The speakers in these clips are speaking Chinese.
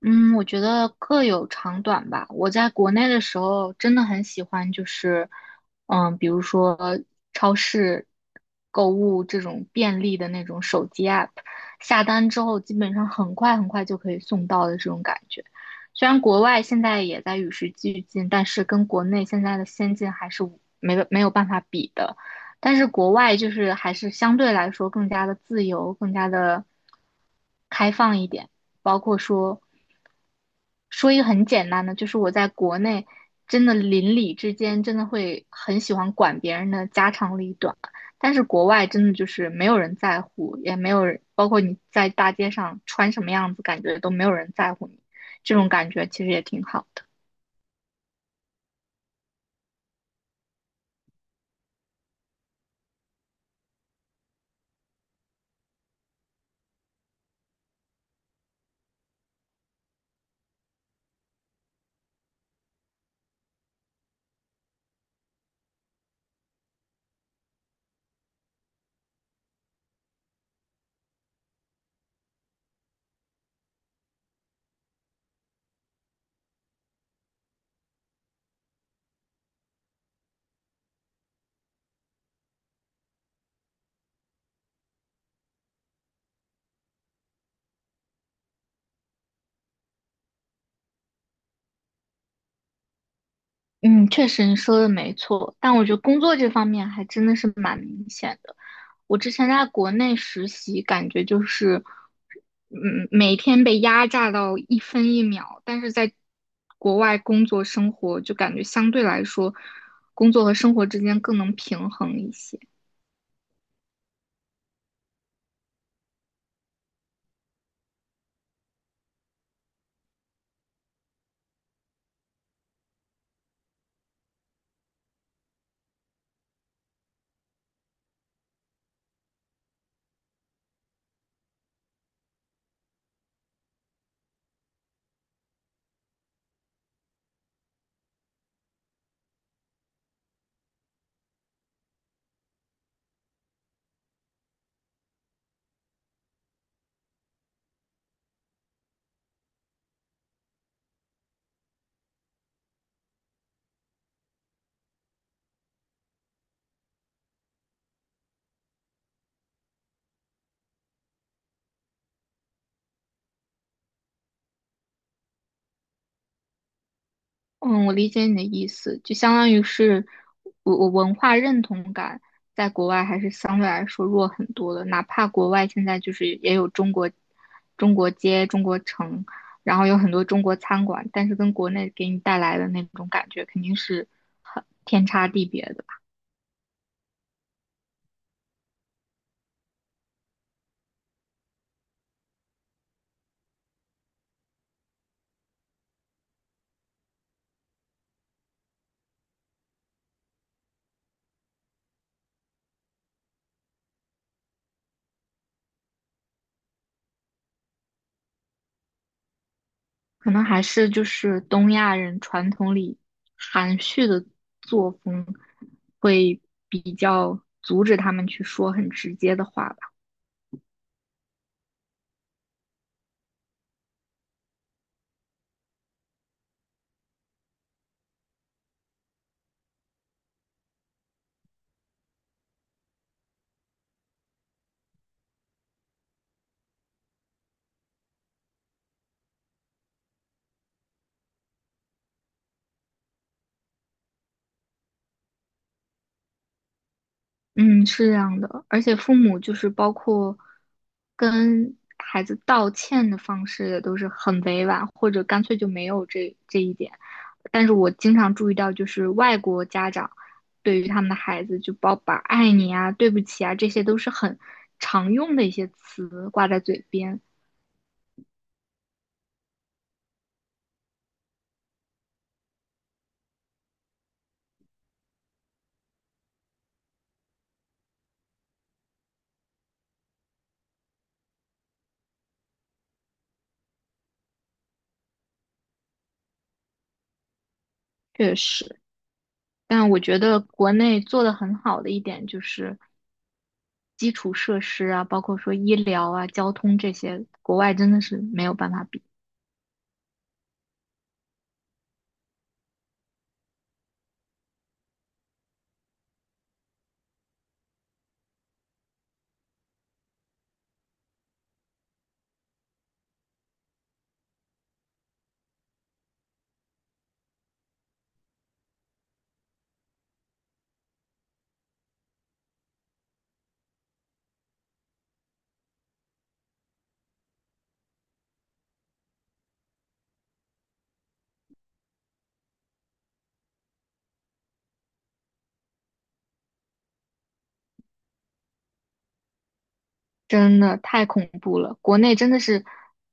嗯，我觉得各有长短吧。我在国内的时候真的很喜欢，就是，比如说超市购物这种便利的那种手机 app，下单之后基本上很快就可以送到的这种感觉。虽然国外现在也在与时俱进，但是跟国内现在的先进还是没有办法比的。但是国外就是还是相对来说更加的自由，更加的开放一点。包括说，说一个很简单的，就是我在国内真的邻里之间真的会很喜欢管别人的家长里短，但是国外真的就是没有人在乎，也没有人，包括你在大街上穿什么样子，感觉都没有人在乎你，这种感觉其实也挺好的。嗯，确实你说的没错，但我觉得工作这方面还真的是蛮明显的。我之前在国内实习，感觉就是，每天被压榨到一分一秒，但是在国外工作生活，就感觉相对来说，工作和生活之间更能平衡一些。嗯，我理解你的意思，就相当于是我文化认同感在国外还是相对来说弱很多的，哪怕国外现在就是也有中国街、中国城，然后有很多中国餐馆，但是跟国内给你带来的那种感觉肯定是很天差地别的吧，可能还是就是东亚人传统里含蓄的作风会比较阻止他们去说很直接的话吧。嗯，是这样的，而且父母就是包括跟孩子道歉的方式也都是很委婉，或者干脆就没有这一点。但是我经常注意到，就是外国家长对于他们的孩子，就包把"爱你"啊、"对不起"啊，这些都是很常用的一些词挂在嘴边，确实。但我觉得国内做得很好的一点就是基础设施啊，包括说医疗啊、交通这些，国外真的是没有办法比。真的太恐怖了，国内真的是，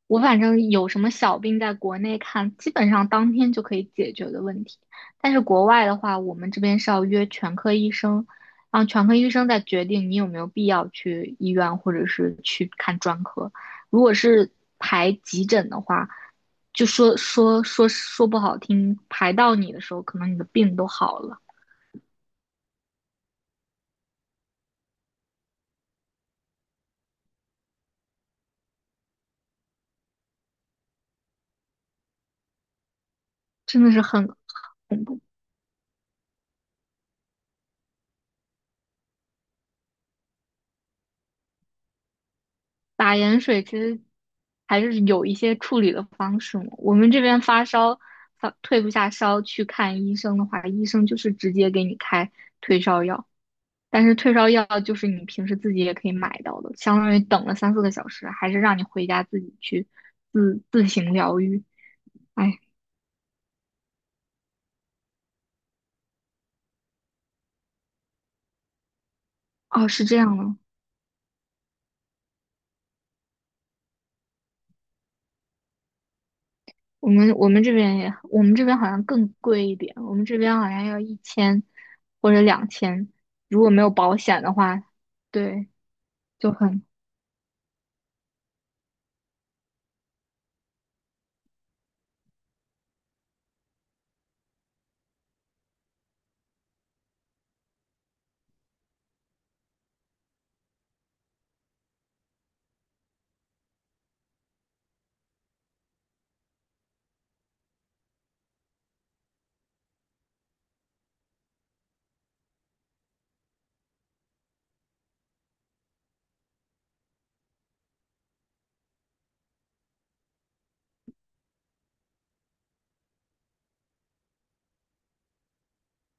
我反正有什么小病在国内看，基本上当天就可以解决的问题。但是国外的话，我们这边是要约全科医生，然后全科医生再决定你有没有必要去医院或者是去看专科。如果是排急诊的话，就说不好听，排到你的时候，可能你的病都好了，真的是很。恐怖。打盐水其实还是有一些处理的方式嘛。我们这边发烧，发退不下烧，去看医生的话，医生就是直接给你开退烧药。但是退烧药就是你平时自己也可以买到的，相当于等了三四个小时，还是让你回家自己去自行疗愈。哎，哦，是这样的，我们这边也，我们这边好像更贵一点，我们这边好像要一千或者两千，如果没有保险的话，对，就很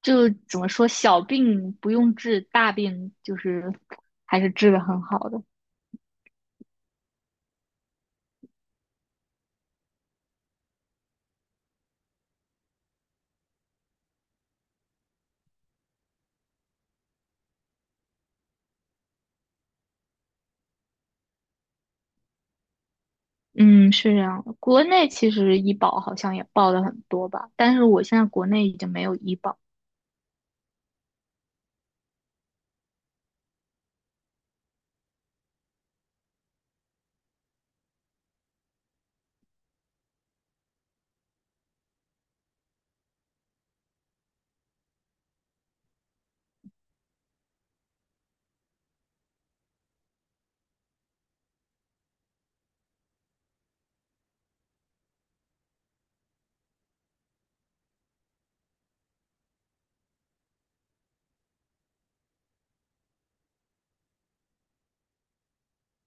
就怎么说，小病不用治，大病就是还是治的很好的。嗯，是这样的。国内其实医保好像也报的很多吧，但是我现在国内已经没有医保。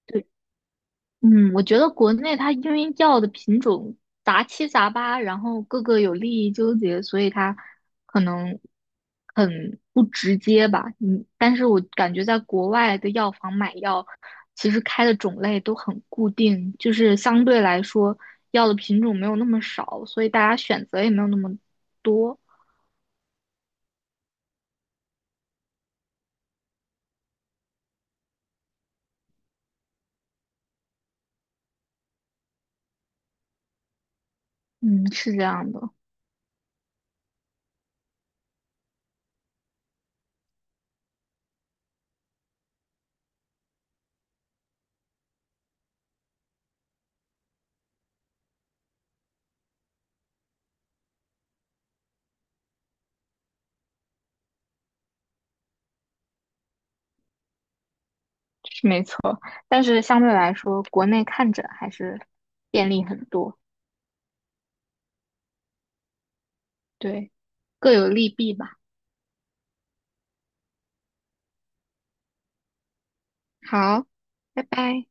对。嗯，我觉得国内它因为药的品种杂七杂八，然后各个有利益纠结，所以它可能很不直接吧。嗯，但是我感觉在国外的药房买药，其实开的种类都很固定，就是相对来说药的品种没有那么少，所以大家选择也没有那么多。嗯，是这样的，是没错。但是相对来说，国内看诊还是便利很多，对，各有利弊吧。好，拜拜。